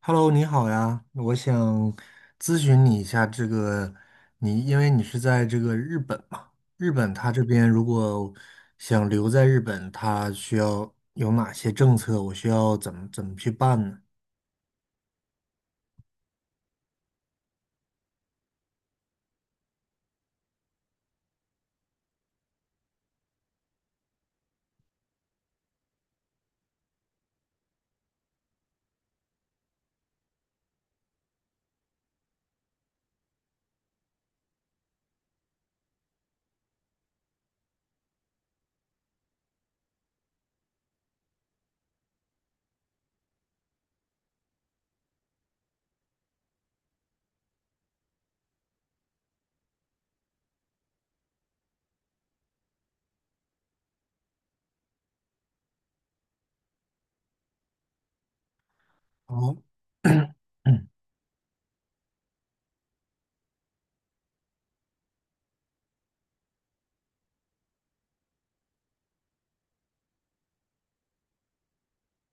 Hello，你好呀，我想咨询你一下这个，因为你是在这个日本嘛，日本他这边如果想留在日本，他需要有哪些政策？我需要怎么去办呢？哦，嗯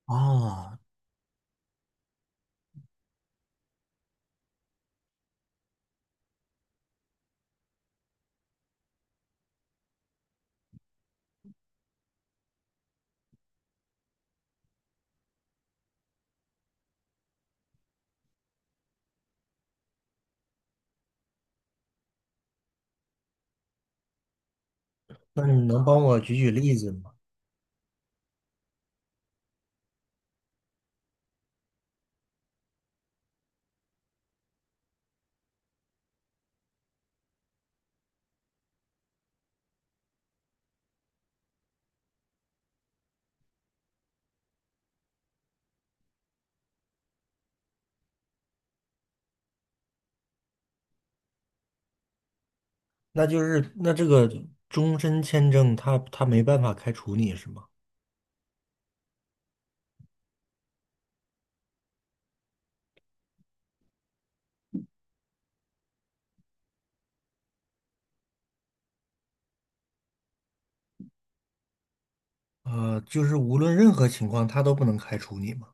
啊，那你能帮我举例子吗？那就是那这个终身签证他没办法开除你是吗？呃，就是无论任何情况，他都不能开除你吗？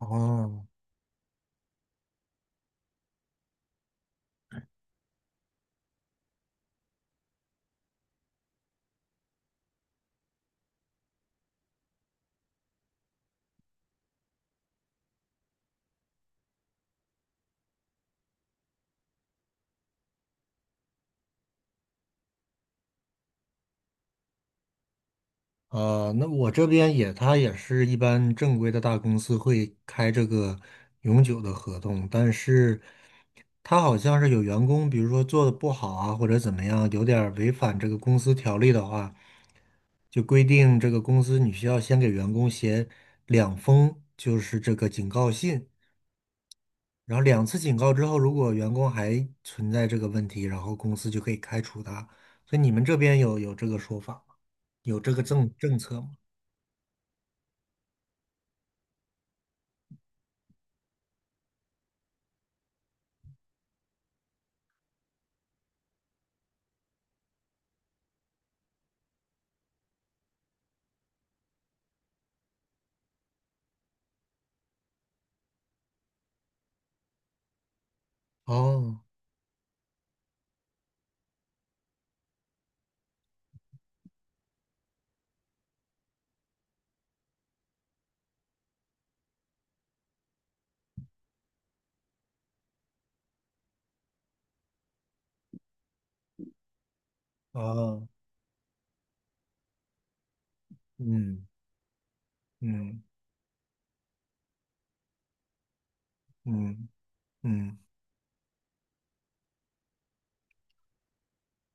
哦。呃，那我这边也，他也是一般正规的大公司会开这个永久的合同，但是他好像是有员工，比如说做的不好啊，或者怎么样，有点儿违反这个公司条例的话，就规定这个公司你需要先给员工写两封，就是这个警告信，然后两次警告之后，如果员工还存在这个问题，然后公司就可以开除他。所以你们这边有这个说法吗？有这个政策吗？哦。哦，嗯嗯嗯嗯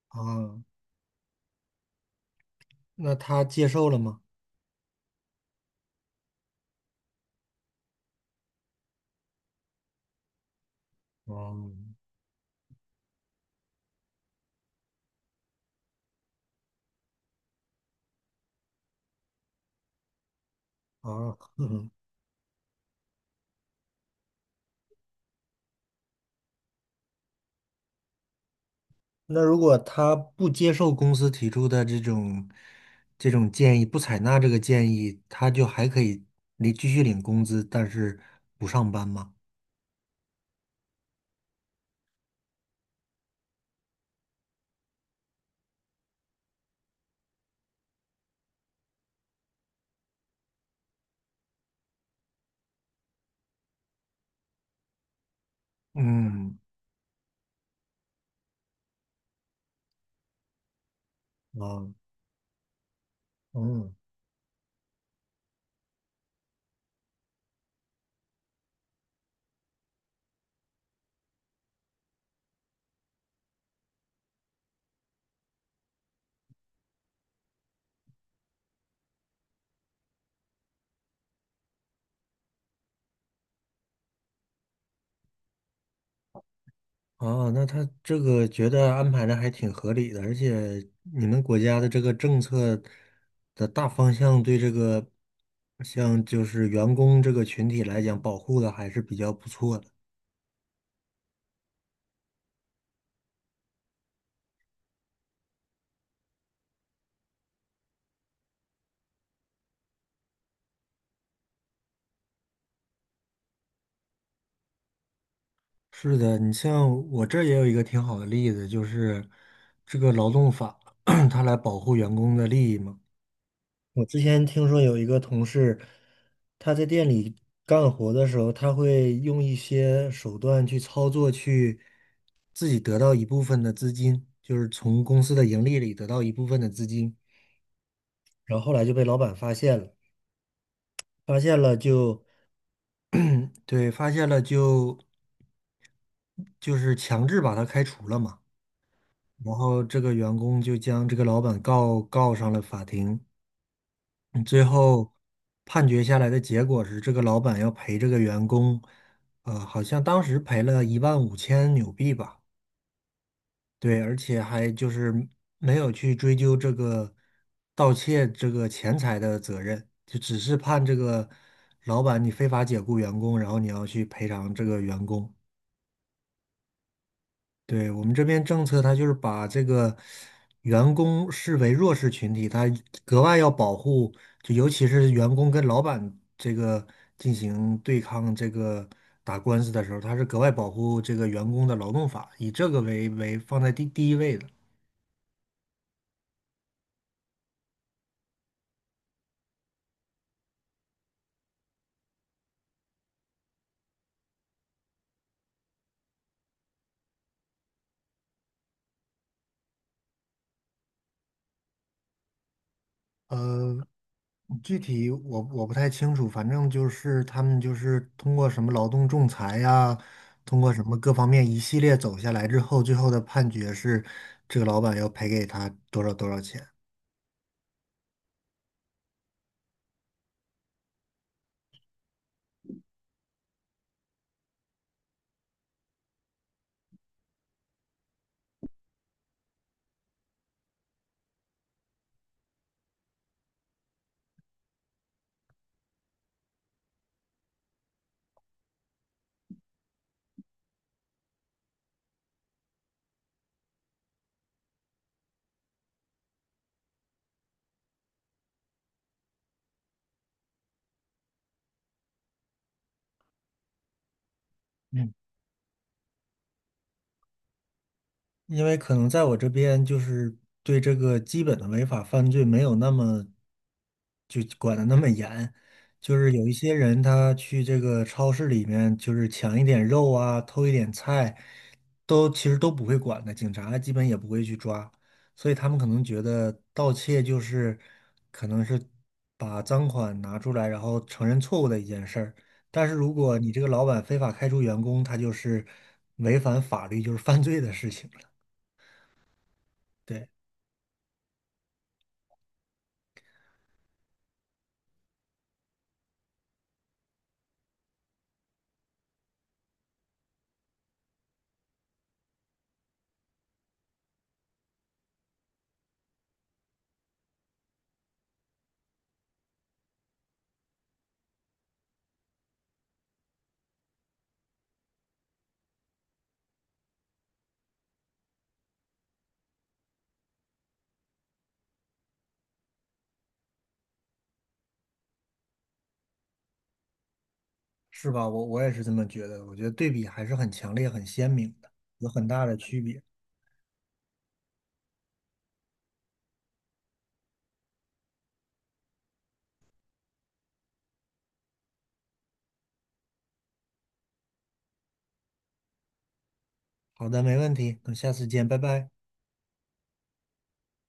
啊，那他接受了吗？哦啊，嗯，那如果他不接受公司提出的这种这种建议，不采纳这个建议，他就还可以领继续领工资，但是不上班吗？嗯啊，嗯哦，那他这个觉得安排的还挺合理的，而且你们国家的这个政策的大方向对这个，像就是员工这个群体来讲，保护的还是比较不错的。是的，你像我这儿也有一个挺好的例子，就是这个劳动法，它来保护员工的利益嘛。我之前听说有一个同事，他在店里干活的时候，他会用一些手段去操作，去自己得到一部分的资金，就是从公司的盈利里得到一部分的资金，然后后来就被老板发现了，发现了就，对，发现了就是强制把他开除了嘛，然后这个员工就将这个老板告上了法庭。嗯最后判决下来的结果是，这个老板要赔这个员工，好像当时赔了15,000纽币吧。对，而且还就是没有去追究这个盗窃这个钱财的责任，就只是判这个老板你非法解雇员工，然后你要去赔偿这个员工。对，我们这边政策，它就是把这个员工视为弱势群体，他格外要保护，就尤其是员工跟老板这个进行对抗、这个打官司的时候，他是格外保护这个员工的劳动法，以这个为放在第一位的。嗯。具体我不太清楚，反正就是他们就是通过什么劳动仲裁呀，通过什么各方面一系列走下来之后，最后的判决是这个老板要赔给他多少多少钱。因为可能在我这边就是对这个基本的违法犯罪没有那么就管的那么严，就是有一些人他去这个超市里面就是抢一点肉啊，偷一点菜，都其实都不会管的，警察基本也不会去抓，所以他们可能觉得盗窃就是可能是把赃款拿出来，然后承认错误的一件事儿。但是如果你这个老板非法开除员工，他就是违反法律，就是犯罪的事情。对，是吧？我也是这么觉得，我觉得对比还是很强烈、很鲜明的，有很大的区别。好的，没问题，等下次见，拜拜。